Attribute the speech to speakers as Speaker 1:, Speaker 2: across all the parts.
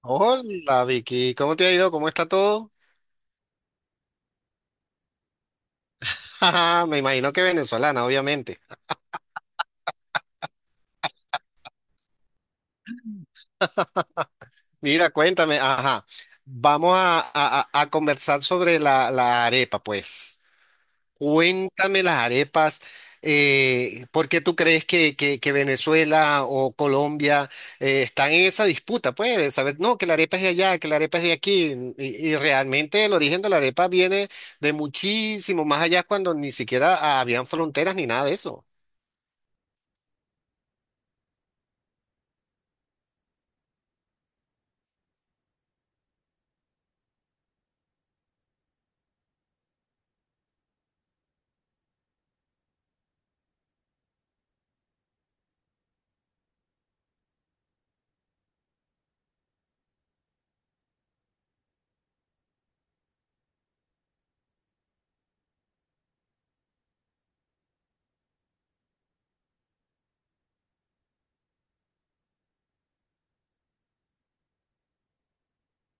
Speaker 1: Hola Vicky, ¿cómo te ha ido? ¿Cómo está todo? Ajá, me imagino que venezolana, obviamente. Mira, cuéntame, ajá, vamos a conversar sobre la arepa, pues. Cuéntame las arepas, ¿por qué tú crees que Venezuela o Colombia están en esa disputa? Pues, ¿sabes? No, que la arepa es de allá, que la arepa es de aquí, y realmente el origen de la arepa viene de muchísimo más allá cuando ni siquiera habían fronteras ni nada de eso.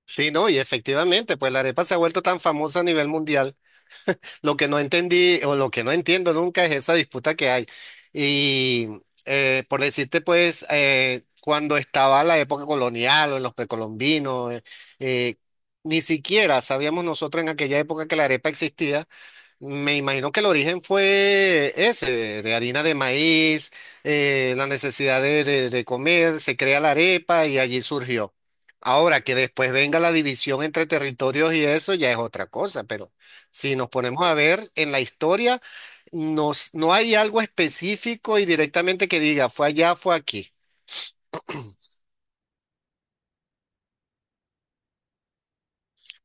Speaker 1: Sí, no, y efectivamente, pues la arepa se ha vuelto tan famosa a nivel mundial. Lo que no entendí o lo que no entiendo nunca es esa disputa que hay. Y por decirte, pues, cuando estaba la época colonial o en los precolombinos, eh, ni siquiera sabíamos nosotros en aquella época que la arepa existía. Me imagino que el origen fue ese, de harina de maíz, la necesidad de comer, se crea la arepa y allí surgió. Ahora que después venga la división entre territorios y eso ya es otra cosa, pero si nos ponemos a ver en la historia, no hay algo específico y directamente que diga fue allá, fue aquí.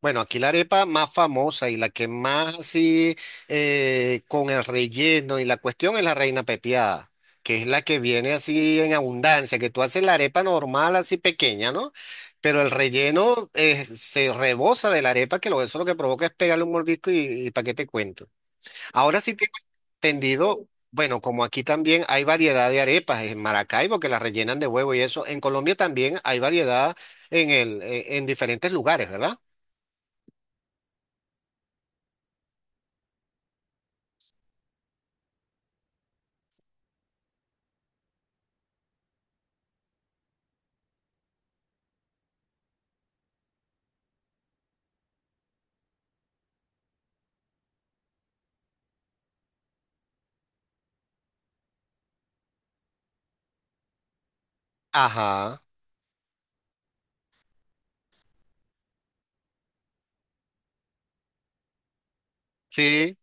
Speaker 1: Bueno, aquí la arepa más famosa y la que más así con el relleno y la cuestión es la reina pepiada, que es la que viene así en abundancia, que tú haces la arepa normal así pequeña, ¿no? Pero el relleno se rebosa de la arepa, eso lo que provoca es pegarle un mordisco y, para qué te cuento. Ahora sí tengo entendido, bueno, como aquí también hay variedad de arepas en Maracaibo que las rellenan de huevo y eso, en Colombia también hay variedad en el, en diferentes lugares, ¿verdad? Ajá. Sí,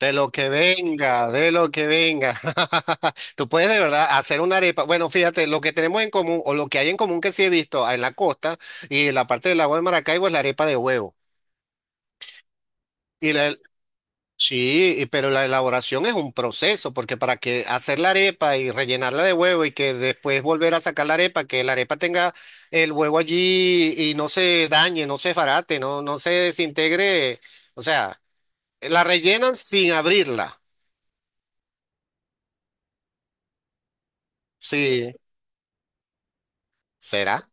Speaker 1: de lo que venga, de lo que venga. Tú puedes de verdad hacer una arepa. Bueno, fíjate, lo que tenemos en común o lo que hay en común que sí he visto en la costa y en la parte del lago de Maracaibo es la arepa de huevo. Y la, sí, pero la elaboración es un proceso, porque para que hacer la arepa y rellenarla de huevo y que después volver a sacar la arepa, que la arepa tenga el huevo allí y no se dañe, no se farate, no se desintegre. O sea, la rellenan sin abrirla. Sí. ¿Será?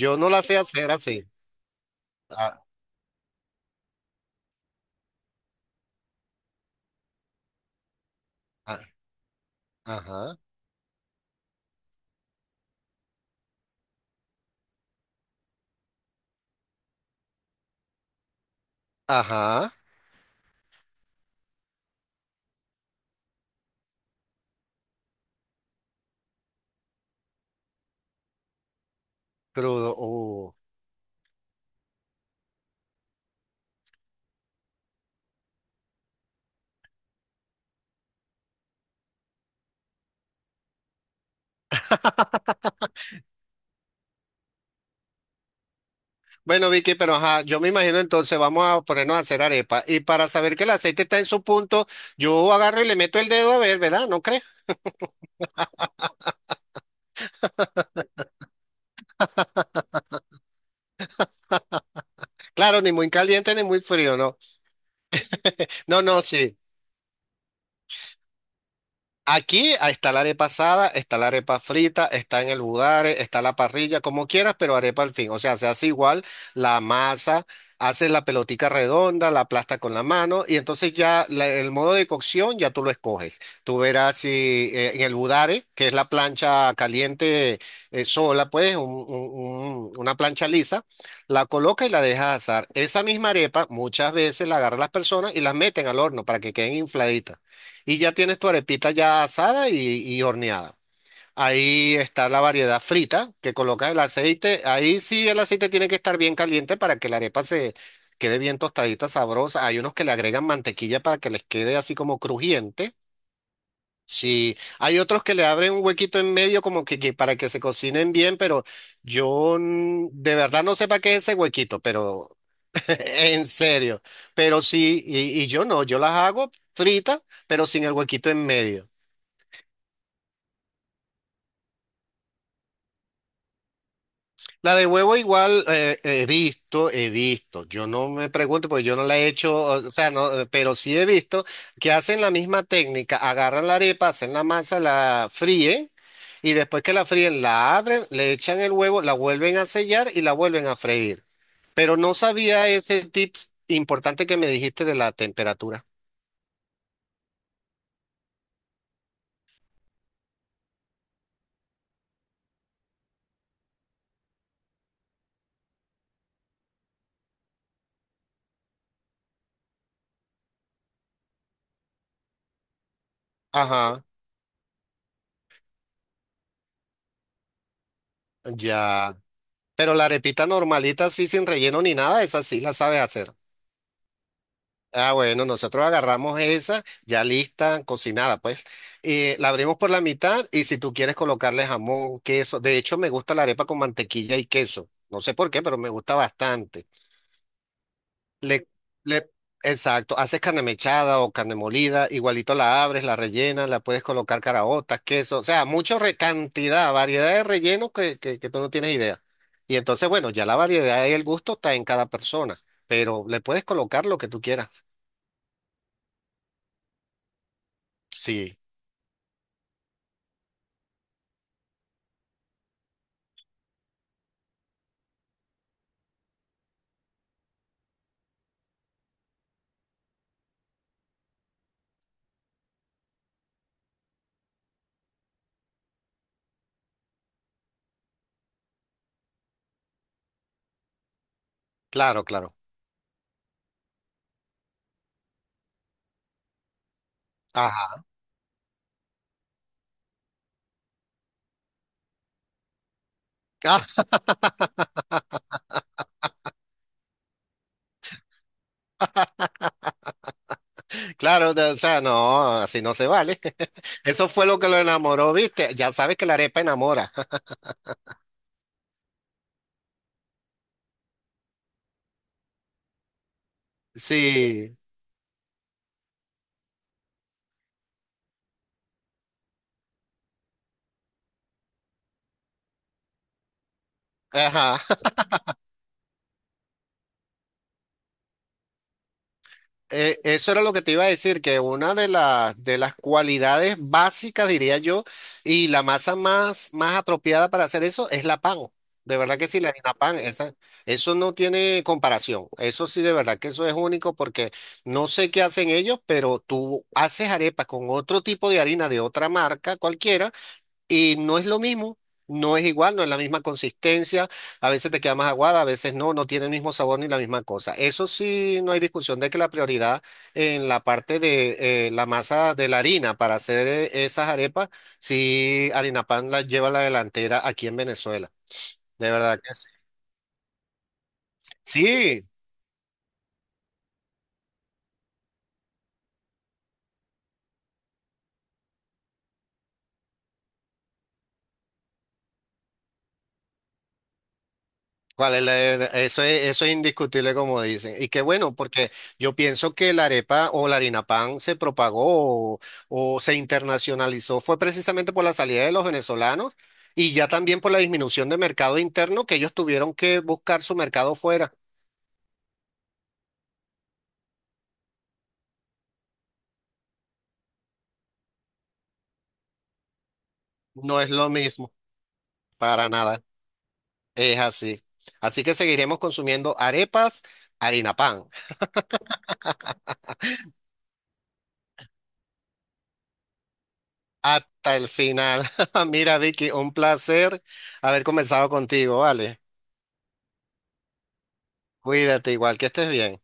Speaker 1: Yo no la sé hacer así. Ah, ah, ajá, ajá, crudo. Bueno, Vicky, pero ajá, yo me imagino entonces vamos a ponernos a hacer arepa. Y para saber que el aceite está en su punto, yo agarro y le meto el dedo a ver, ¿verdad? ¿No crees? Claro, ni muy caliente ni muy frío, no. No, no, sí. Aquí está la arepa asada, está la arepa frita, está en el budare, está la parrilla, como quieras, pero arepa al fin. O sea, se hace igual la masa, haces la pelotica redonda, la aplastas con la mano y entonces ya el modo de cocción ya tú lo escoges. Tú verás si en el budare, que es la plancha caliente sola, pues una plancha lisa, la colocas y la dejas asar. Esa misma arepa muchas veces la agarran las personas y las meten al horno para que queden infladitas. Y ya tienes tu arepita ya asada y horneada. Ahí está la variedad frita, que colocas el aceite. Ahí sí el aceite tiene que estar bien caliente para que la arepa se quede bien tostadita, sabrosa. Hay unos que le agregan mantequilla para que les quede así como crujiente. Sí, hay otros que le abren un huequito en medio que para que se cocinen bien, pero yo de verdad no sé para qué es ese huequito, pero en serio. Pero sí, y yo no, yo las hago fritas, pero sin el huequito en medio. La de huevo igual he visto, he visto. Yo no me pregunto porque yo no la he hecho, o sea, no, pero sí he visto que hacen la misma técnica, agarran la arepa, hacen la masa, la fríen y después que la fríen la abren, le echan el huevo, la vuelven a sellar y la vuelven a freír. Pero no sabía ese tips importante que me dijiste de la temperatura. Ajá, ya. Pero la arepita normalita, así sin relleno ni nada, esa sí la sabe hacer. Ah, bueno, nosotros agarramos esa ya lista, cocinada, pues. La abrimos por la mitad y si tú quieres colocarle jamón, queso. De hecho, me gusta la arepa con mantequilla y queso. No sé por qué, pero me gusta bastante. Le, le, exacto, haces carne mechada o carne molida, igualito la abres, la rellenas, la puedes colocar caraotas, queso. O sea, mucha cantidad, variedad de rellenos que tú no tienes idea. Y entonces, bueno, ya la variedad y el gusto está en cada persona, pero le puedes colocar lo que tú quieras. Sí. Claro, claro. Ajá. Ah, claro, o sea, no, así no se vale. Eso fue lo que lo enamoró, ¿viste? Ya sabes que la arepa enamora. Sí. Ajá. Eso era lo que te iba a decir, que una de las cualidades básicas, diría yo, y la masa más apropiada para hacer eso es la pan. De verdad que sí, la harina pan, esa, eso no tiene comparación. Eso sí, de verdad que eso es único porque no sé qué hacen ellos, pero tú haces arepas con otro tipo de harina de otra marca cualquiera. Y no es lo mismo, no es igual, no es la misma consistencia, a veces te queda más aguada, a veces no, no tiene el mismo sabor ni la misma cosa. Eso sí, no hay discusión de que la prioridad en la parte de la masa de la harina para hacer esas arepas, sí, Harina Pan la lleva a la delantera aquí en Venezuela, de verdad que sí. Sí, ¿Cuál es la eso es indiscutible como dicen. Y qué bueno, porque yo pienso que la arepa o la harina pan se propagó o se internacionalizó fue precisamente por la salida de los venezolanos y ya también por la disminución de mercado interno que ellos tuvieron que buscar su mercado fuera. No es lo mismo, para nada. Es así. Así que seguiremos consumiendo arepas, harina pan, hasta el final. Mira, Vicky, un placer haber conversado contigo, ¿vale? Cuídate igual, que estés bien.